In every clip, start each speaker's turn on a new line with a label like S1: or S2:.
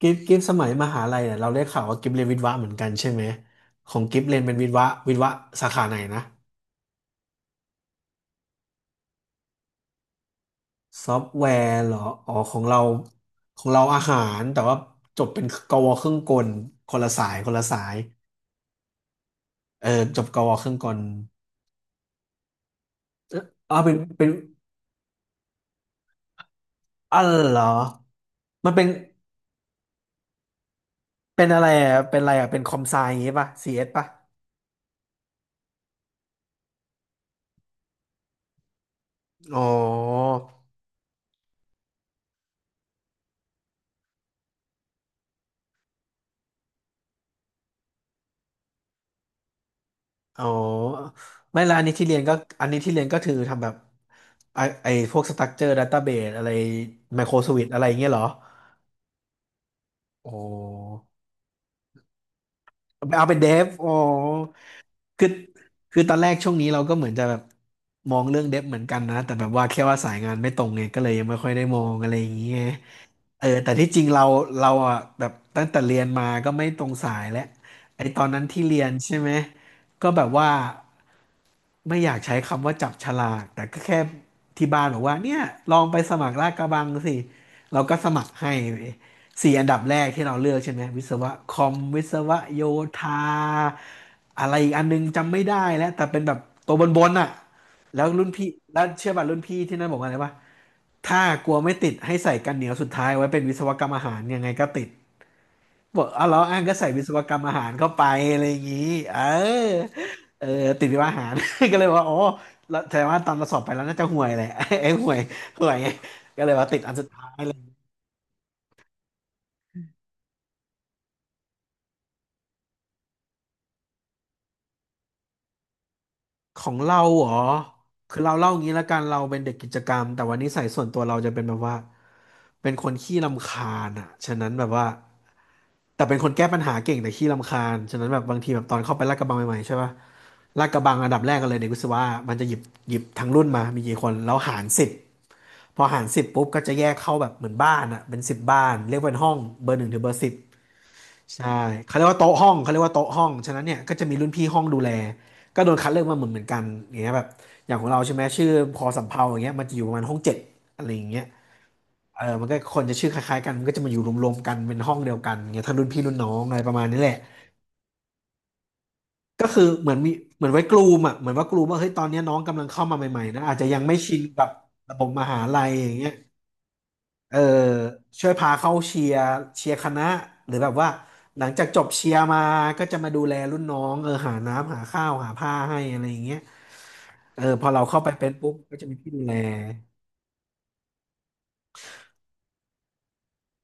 S1: กิฟสมัยมหาลัยเนี่ยเราได้ข่าวว่ากิฟเรียนวิทย์วะเหมือนกันใช่ไหมของกิฟเรียนเป็นวิทย์วะวิทย์วะสาขาไหนนะซอฟต์แวร์เหรออ๋อของเราของเราอาหารแต่ว่าจบเป็นกวเครื่องกลคนละสายคนละสายเออจบกวเครื่องกลเอออ๋อเป็นอ๋อเหรอมันเป็นเป็นอะไรอ่ะเป็นอะไรอ่ะเป็นคอมไซอย่างงี้ป่ะซีเอสป่ะอ๋อ อ๋อไม่ละอันนี้ที่เรียนก็อันนี้ที่เรียนก็คือทำแบบไอพวกสตั๊กเจอร์ดัตต้าเบสอะไรไมโครสวิตอะไรอย่างเงี้ยเหรอโอ้เอาเป็นเดฟโอ้คือคือตอนแรกช่วงนี้เราก็เหมือนจะแบบมองเรื่องเดฟเหมือนกันนะแต่แบบว่าแค่ว่าสายงานไม่ตรงไงก็เลยยังไม่ค่อยได้มองอะไรอย่างเงี้ยเออแต่ที่จริงเราเราอ่ะแบบตั้งแต่เรียนมาก็ไม่ตรงสายแล้วไอตอนนั้นที่เรียนใช่ไหมก็แบบว่า ไม่อยากใช้คำว่าจับฉลากแต่ก็แค่ที่บ้านบอกว่าเนี่ยลองไปสมัครลาดกระบังสิเราก็สมัครให้เว้ยสี่อันดับแรกที่เราเลือกใช่ไหมวิศวะคอมวิศวะโยธาอะไรอีกอันนึงจำไม่ได้แล้วแต่เป็นแบบตัวบนบนอ่ะแล้วรุ่นพี่แล้วเชื่อป่ะรุ่นพี่ที่นั่นบอกว่าอะไรวะถ้ากลัวไม่ติดให้ใส่กันเหนียวสุดท้ายไว้เป็นวิศวกรรมอาหารยังไงก็ติด บอกเอาเหรออ้างก็ใส่วิศวกรรมอาหารเข้าไปอะไรอย่างนี้เออเออติดวิศวอาหาร ก็เลยว่าอ๋อแล้วแต่ว่าตอนเราสอบไปแล้วน่าจะห่วยแหละ ไอ้ห่วยห่วยก็เลยว่าติดอันสุดท้ายเลยของเราเหรอคือเราเล่างี้ละกันเราเป็นเด็กกิจกรรมแต่วันนี้ใส่ส่วนตัวเราจะเป็นแบบว่าเป็นคนขี้รำคาญอ่ะฉะนั้นแบบว่าแต่เป็นคนแก้ปัญหาเก่งแต่ขี้รำคาญฉะนั้นแบบบางทีแบบตอนเข้าไปลาดกระบังใหม่ๆใช่ปะลาดกระบังอันดับแรกกันเลยเด็กวิศวะมันจะหยิบหยิบทั้งรุ่นมามีกี่คนแล้วหารสิบ พอหารสิบปุ๊บก็จะแยกเข้าแบบเหมือนบ้านอะเป็นสิบบ้านเรียกว่าเป็นห้องเบอร์หนึ่งถึงเบอร์สิบใช่เขาเรียกว่าโต๊ะห้องเขาเรียกว่าโต๊ะห้องฉะนั้นเนี่ยก็จะมีรุ่นพี่ห้องดูแลก็โดนคัดเลือกมาเหมือนเหมือนกันอย่างเงี้ยแบบอย่างของเราใช่ไหมชื่อพอสำเภาอย่างเงี้ยมันจะอยู่ประมาณห้องเจ็ดอะไรอย่างเงี้ยเออมันก็คนจะชื่อคล้ายๆกันมันก็จะมาอยู่รวมๆกันเป็นห้องเดียวกันอย่างเงี้ยทั้งรุ่นพี่รุ่นน้องอะไรประมาณนี้แหละก็คือเหมือนมีเหมือนไว้กลูมอ่ะเหมือนว่ากลูมว่าเฮ้ยตอนเนี้ยน้องกำลังเข้ามาใหม่ๆนะอาจจะยังไม่ชินกับระบบมหาลัยอย่างเงี้ย เออช่วยพาเข้าเชียร์เชียร์คณะหรือแบบว่าหลังจากจบเชียร์มาก็จะมาดูแลรุ่นน้องเออหาน้ำหาข้าวหาผ้าให้อะไรอย่างเงี้ยเออพอเราเข้าไปเป็นปุ๊บก็จะมีพี่ดูแล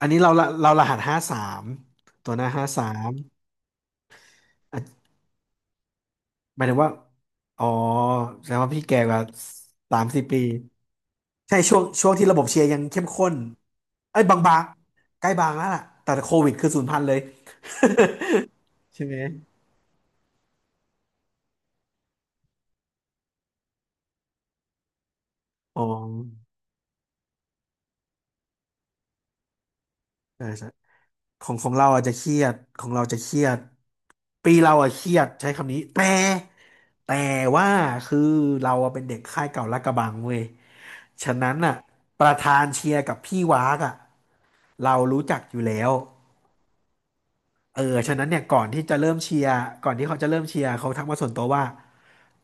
S1: อันนี้เราละเรารหัสห้าสามตัวหน้าห้าสามหมายถึงว่าอ๋อแสดงว่าพี่แก่กว่าสามสี่ปีใช่ช่วงที่ระบบเชียร์ยังเข้มข้นเอ้ยบางๆใกล้บางแล้วล่ะแต่โควิดคือศูนย์พันเลยใช่ไหมอ๋อใช่ใช่ ของเราอาจจะเครียดของเราจะเครียดปีเราอะเครียดใช้คำนี้แต่แต่ว่าคือเราอะเป็นเด็กค่ายเก่าลาดกระบังเว้ยฉะนั้นอะประธานเชียร์กับพี่วากอะเรารู้จักอยู่แล้วเออฉะนั้นเนี่ยก่อนที่จะเริ่มเชียร์ก่อนที่เขาจะเริ่มเชียร์เขาทักมาส่วนตัวว่า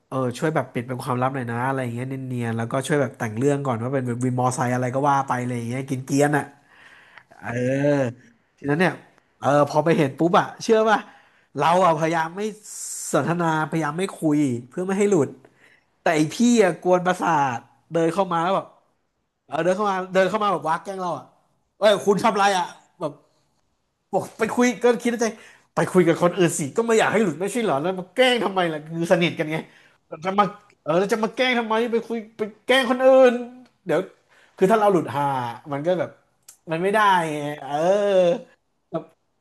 S1: เออช่วยแบบปิดเป็นความลับหน่อยนะอะไรอย่างเงี้ยเนียนๆแล้วก็ช่วยแบบแต่งเรื่องก่อนว่าเป็นวินมอไซค์อะไรก็ว่าไปอะไรอย่างเงี้ยกินเกรียนๆอะ เออทีนั้นเนี่ยเออพอไปเห็นปุ๊บอะเชื่อป่ะเราอะพยายามไม่สนทนาพยายามไม่คุยเพื่อไม่ให้หลุดแต่ไอพี่อะกวนประสาทเดินเข้ามาแล้วแบบเออเดินเข้ามาแบบวักแกล้งเราอะเอ้ยคุณทำอะไรอ่ะแบบ บอกไปคุยก็คิดในใจไปคุยกับคนอื่นสิก็ไม่อยากให้หลุดไม่ใช่เหรอแล้วมาแกล้งทำไมล่ะคือสนิทกันไงแล้วจะมาเออแล้วจะมาแกล้งทำไมไปคุยไปแกล้งคนอื่นเดี๋ยวคือถ้าเราหลุดหามันก็แบบมันไม่ได้ไงเออแล้ว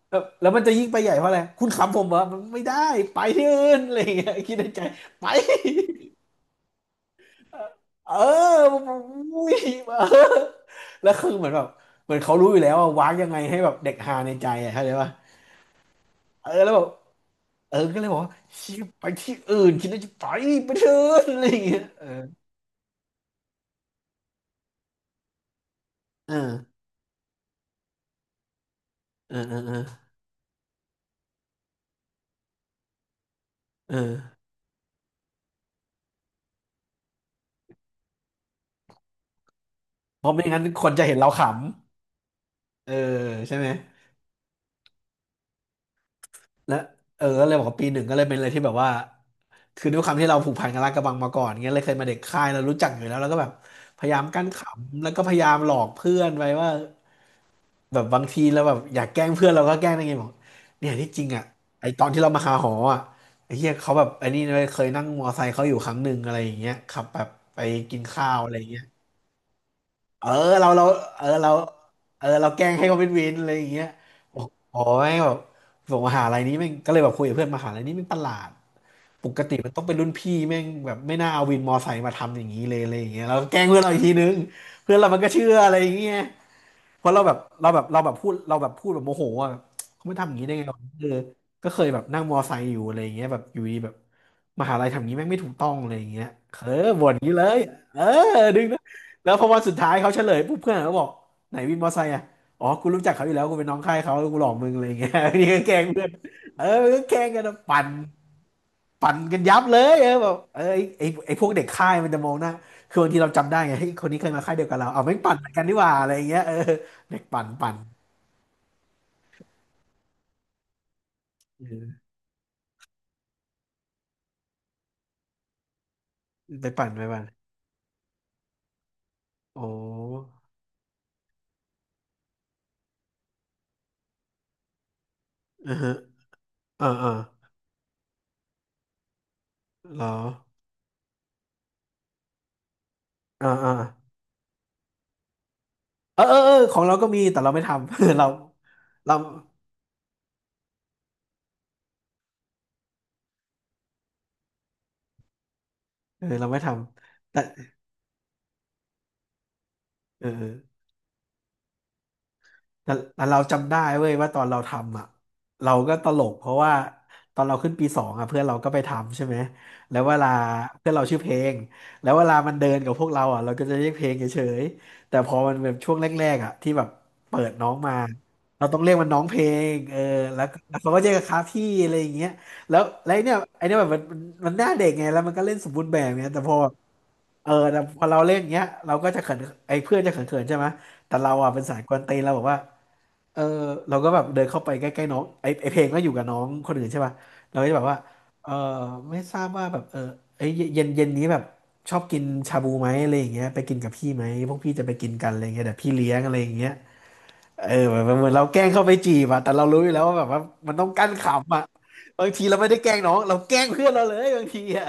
S1: แล้วมันจะยิ่งไปใหญ่เพราะอะไรคุณขำผมเหรอมันไม่ได้ไปที่อื่นอะไรอย่างเงี้ยคิดในใจไปเอออุ้ยเออแล้วคือเหมือนแบบเหมือนเขารู้อยู่แล้วว่าวางยังไงให้แบบเด็กฮาในใจอ่ะเข้าใจป่ะเออแล้วแบบ เออก็เลยบอกว่าเชี่ยไปที่อื่นคิดว่าจะไปไปเถอะอะไรอย่างเงี้ยเออเออเออเออเออเออเพราะไม่งั้นคนจะเห็นเราขำเออใช่ไหมและเออก็เลยบอกว่าปีหนึ่งก็เลยเป็นอะไรที่แบบว่าคือด้วยความที่เราผูกพันกับลาดกระบังมาก่อนเงี้ยเลยเคยมาเด็กค่ายเรารู้จักอยู่แล้วแล้วก็แบบพยายามกั้นขำแล้วก็พยายามหลอกเพื่อนไปว่า แบบบางทีเราแบบอยากแกล้งเพื่อนเราก็แกล้งได้ไงบอกเนี่ยที่จริงอ่ะไอตอนที่เรามาหาหออ่ะไอเฮียเขาแบบไอนี่เลยเคยนั่งมอไซค์เขาอยู่ครั้งหนึ่งอะไรอย่างเงี้ยขับแบบไปกินข้าวอะไรอย่างเงี้ยเออเราเราเออเราเออเราแกล้งให้เขาเป็นวินอะไรอย่างเงี้ยบอกอ๋อแม่งแบบบอกมหาลัยนี้แม่งก็เลยแบบคุยกับเพื่อนมหาลัยนี้แม่งประหลาดปกติมันต้องเป็นรุ่นพี่แม่งแบบไม่น่าเอาวินมอไซค์มาทำอย่างนี้เลยอะไรอย่างเงี้ยเราก็แกล้งเพื่อนเราอีกทีนึงเพื่อนเรามันก็เชื่ออะไรอย่างเงี้ย เพราะเราแบบเราแบบเราแบบพูดเราแบบพูดแบบโมโหอ่ะเขาไม่ทำอย่างนี้ได้ไงวะเออก็เคยแบบนั่งมอไซค์อยู่อะไรอย่างเงี้ยแบบอยู่ดีแบบมหาลัยทำอย่างนี้แม่งไม่ถูกต้องอะไรอย่างเงี้ยเออบ่นอย่างนี้เลยเออดึงนะแล้วพอวันสุดท้ายเขาเฉลยปุ๊บเพื่อนเขาบอกไหนวินมอไซค์อ่ะอ๋อกูรู้จักเขาอยู่แล้วกูเป็นน้องค่ายเขากูหลอกมึงอะไรอย่างเงี้ย นี่ก็แกล้งเพื่อนเออก็แกล้งกันนะปั่น ปั่นกันยับเลยเออแบบเออไอ้พวกเด็กค่ายมันจะมองหน้าคือบางทีเราจำได้ไงเฮ้ยคนนี้เคยมาค่ายเดียวกับเราเอาไม่งปั่นเหมือนกันดีกว่าอะไรอย่างเงี้ยเออเด็กปั่นปั่นเออไปปั่นไปปั่นโอ้เออฮะเออเออเหรอเออเออเออเออเออของเราก็มีแต่เราไม่ทำ เราเราเราไม่ทำแต่เออ แต่เราจำได้เว้ยว่าตอนเราทำอ่ะเราก็ตลกเพราะว่าตอนเราขึ้นปีสองอ่ะเพื่อนเราก็ไปทำใช่ไหมแล้วเวลาเพื่อนเราชื่อเพลงแล้วเวลามันเดินกับพวกเราอ่ะเราก็จะเรียกเพลงเฉยๆแต่พอมันแบบช่วงแรกๆอ่ะที่แบบเปิดน้องมาเราต้องเรียกมันน้องเพลงเออแล้วเขาก็เรียกกันครับพี่อะไรอย่างเงี้ยแล้วไอ้เนี่ยแบบมันหน้าเด็กไงแล้วมันก็เล่นสมบูรณ์แบบเนี่ยแต่พอเออแต่พอเราเล่นอย่างเงี้ยเราก็จะเขินไอ้เพื่อนจะเขินๆใช่ไหมแต่เราอ่ะเป็นสายกวนตีนเราบอกว่า เออเราก็แบบเดินเข้าไปใกล้ๆน้องไอเพลงก็อยู่กับน้องคนอื่นใช่ป่ะเราก็จะแบบว่าเออไม่ทราบว่าแบบเออไอยเย็นเย็นนี้แบบชอบกินชาบูไหมอะไรอย่างเงี้ยไปกินกับพี่ไหมพวกพี่จะไปกินกันอะไรเงี้ยเดี๋ยวพี่เลี้ยงอะไรอย่างเงี้ยเออแบบเหมือนเราแกล้งเข้าไปจีบอะแต่เรารู้อยู่แล้วว่าแบบว่ามันต้องกั้นขำอะบางทีเราไม่ได้แกล้งน้องเราแกล้งเพื่อนเราเลยบางทีอะ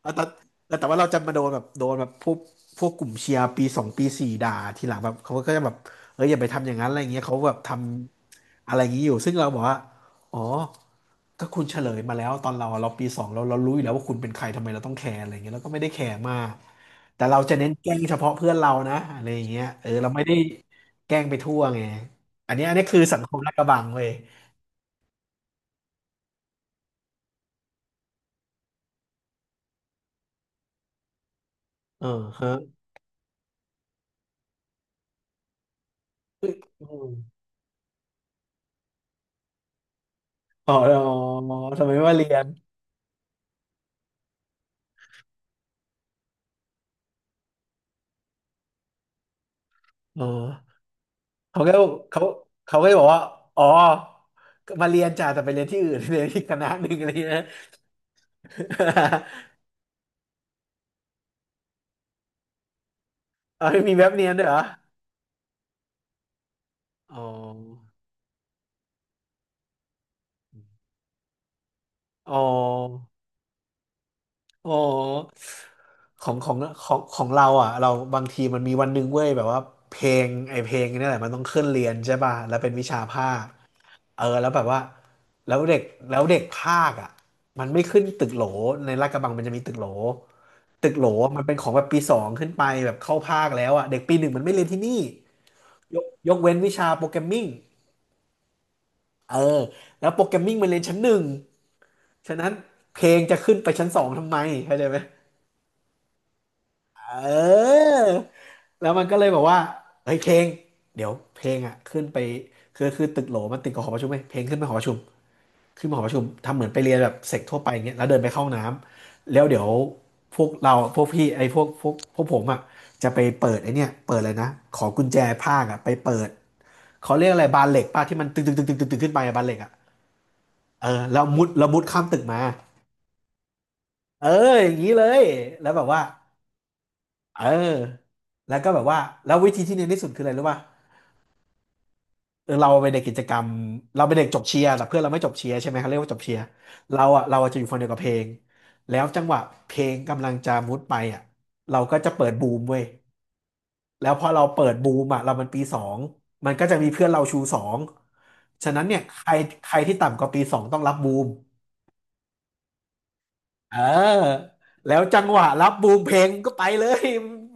S1: เอาแต่แต่ว่าเราจะมาโดนแบบโดนแบบพวกกลุ่มเชียร์ปีสองปีสี่ด่าทีหลังแบบเขาก็จะแบบเอออย่าไปทำอย่างนั้นอะไรเงี้ยเขาแบบทำ อะไรอย่างนี้อยู่ซึ่งเราบอกว่าอ๋อก็คุณเฉลยมาแล้วตอนเราปีสองเรารู้อยู่แล้วว่าคุณเป็นใครทำไมเราต้องแคร์อะไรอย่างเงี้ยเราก็ไม่ได้แคร์มากแต่เราจะเน้นแกล้งเฉพาะเพื่อนเรานะอะไรอย่างเงี้ยเออเราไม่ได้แกล้งไปทั่วไงอันนี้คือสังคมลาดกระบังเว้ยเออฮะอมอ๋ออ๋อทำไมไม่มาเรียนอ๋อเขาก็เขาเขาก็จะบอกว่าอ๋อมาเรียนจ้าแต่ไปเรียนที่อื่น เรียนที่คณะหนึ่งอะไรเงี้ย เอาไม่มีแบบเนียนด้วยเหรออ๋อ อ๋ออ๋อของของของเราอ่ะเราบางทีมันมีวันหนึ่งเว้ยแบบว่าเพลงไอเพลงนี่แหละมันต้องขึ้นเรียนใช่ป่ะแล้วเป็นวิชาภาคเออแล้วแบบว่าแล้วเด็กแล้วเด็กภาคอ่ะมันไม่ขึ้นตึกโหลในลาดกระบังมันจะมีตึกโหลตึกโหลอมันเป็นของแบบปีสองขึ้นไปแบบเข้าภาคแล้วอ่ะเด็กปีหนึ่งมันไม่เรียนที่นี่ยกเว้นวิชาโปรแกรมมิ่งเออแล้วโปรแกรมมิ่งมันเรียนชั้นหนึ่งฉะนั้นเพลงจะขึ้นไปชั้นสองทำไมเข้าใจไหม เออแล้วมันก็เลยบอกว่าเฮ้ยเพลงเดี๋ยวเพลงอ่ะขึ้นไปคือตึกโหลมันติดกับหอประชุมไหมเพลงขึ้นไปหอประชุมขึ้นมาหอประชุมทำเหมือนไปเรียนแบบเสกทั่วไปอย่างเงี้ยแล้วเดินไปเข้าห้องน้ำแล้วเดี๋ยวพวกเราพวกพี่ไอ้พวกผมอ่ะจะไปเปิดไอ้เนี่ยเปิดเลยนะขอกุญแจภาคอ่ะไปเปิดเขาเรียกอะไรบานเหล็กป้าที่มันตึงตึงตึงตึงตึงตึงขึ้นไปอะบานเหล็กอ่ะเออแล้วมุดข้ามตึกมาเอออย่างนี้เลยแล้วแบบว่าเออแล้วก็แบบว่าแล้ววิธีที่เนียนที่สุดคืออะไรรู้ป่ะ เออเราเป็นเด็กกิจกรรมเราเปเด็กจบเชียร์แต่เพื่อนเราไม่จบเชียร์ใช่ไหมเขาเรียกว่าจบเชียร์เราอะจะอยู่ฝั่งเดียวกับเพลงแล้วจังหวะเพลงกำลังจะมุดไปอะเราก็จะเปิดบูมเว้ยแล้วพอเราเปิดบูมอะเรามันปีสองมันก็จะมีเพื่อนเราชูสองฉะนั้นเนี่ยใครใครที่ต่ำกว่าปีสองต้องรับบูมเออแล้วจังหวะรับบูมเพลงก็ไปเลย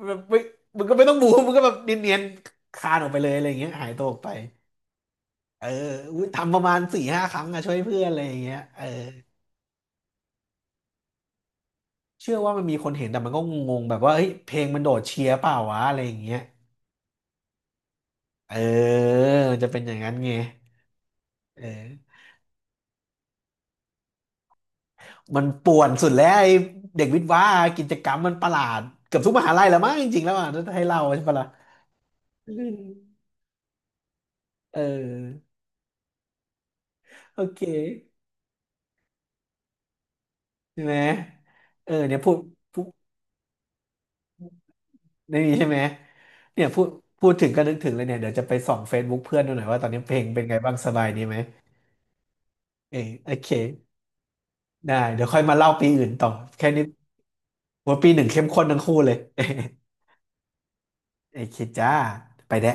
S1: แบบไม่มึงก็ไม่ต้องบูมมึงก็แบบเนียนๆคลานออกไปเลยอะไรอย่างเงี้ยหายตัวออกไป เอออุ๊ยทำประมาณสี่ห้าครั้งอะช่วยเพื่อนอะไรอย่างเงี้ยเออเชื่อว่ามันมีคนเห็นแต่มันก็งงๆแบบว่าเฮ้ยเพลงมันโดดเชียร์เปล่าวะอะไรอย่างเงี้ยเออมันจะเป็นอย่างนั้นไงเออมันป่วนสุดแล้วไอ้เด็กวิทย์ว่ากิจกรรมมันประหลาดเกือบทุกมหาลัยแล้วมั้งจริงๆแล้วอ่ะถ้าให้เล่าใช่ปะล่ะอืมเออโอเคใช่ไหมเออเนี่ยพูดในนี้ใช่ไหมเนี่ยพูดพูดถึงก็นึกถึงเลยเนี่ยเดี๋ยวจะไปส่อง Facebook เพื่อนดูหน่อยว่าตอนนี้เพลงเป็นไงบ้างสบายดีไหม เออโอเคได้เดี๋ยวค่อยมาเล่าปีอื่นต่อแค่นี้ว่าปีหนึ่งเข้มข้นทั้งคู่เลย เออโอเคจ้าไปแล้ว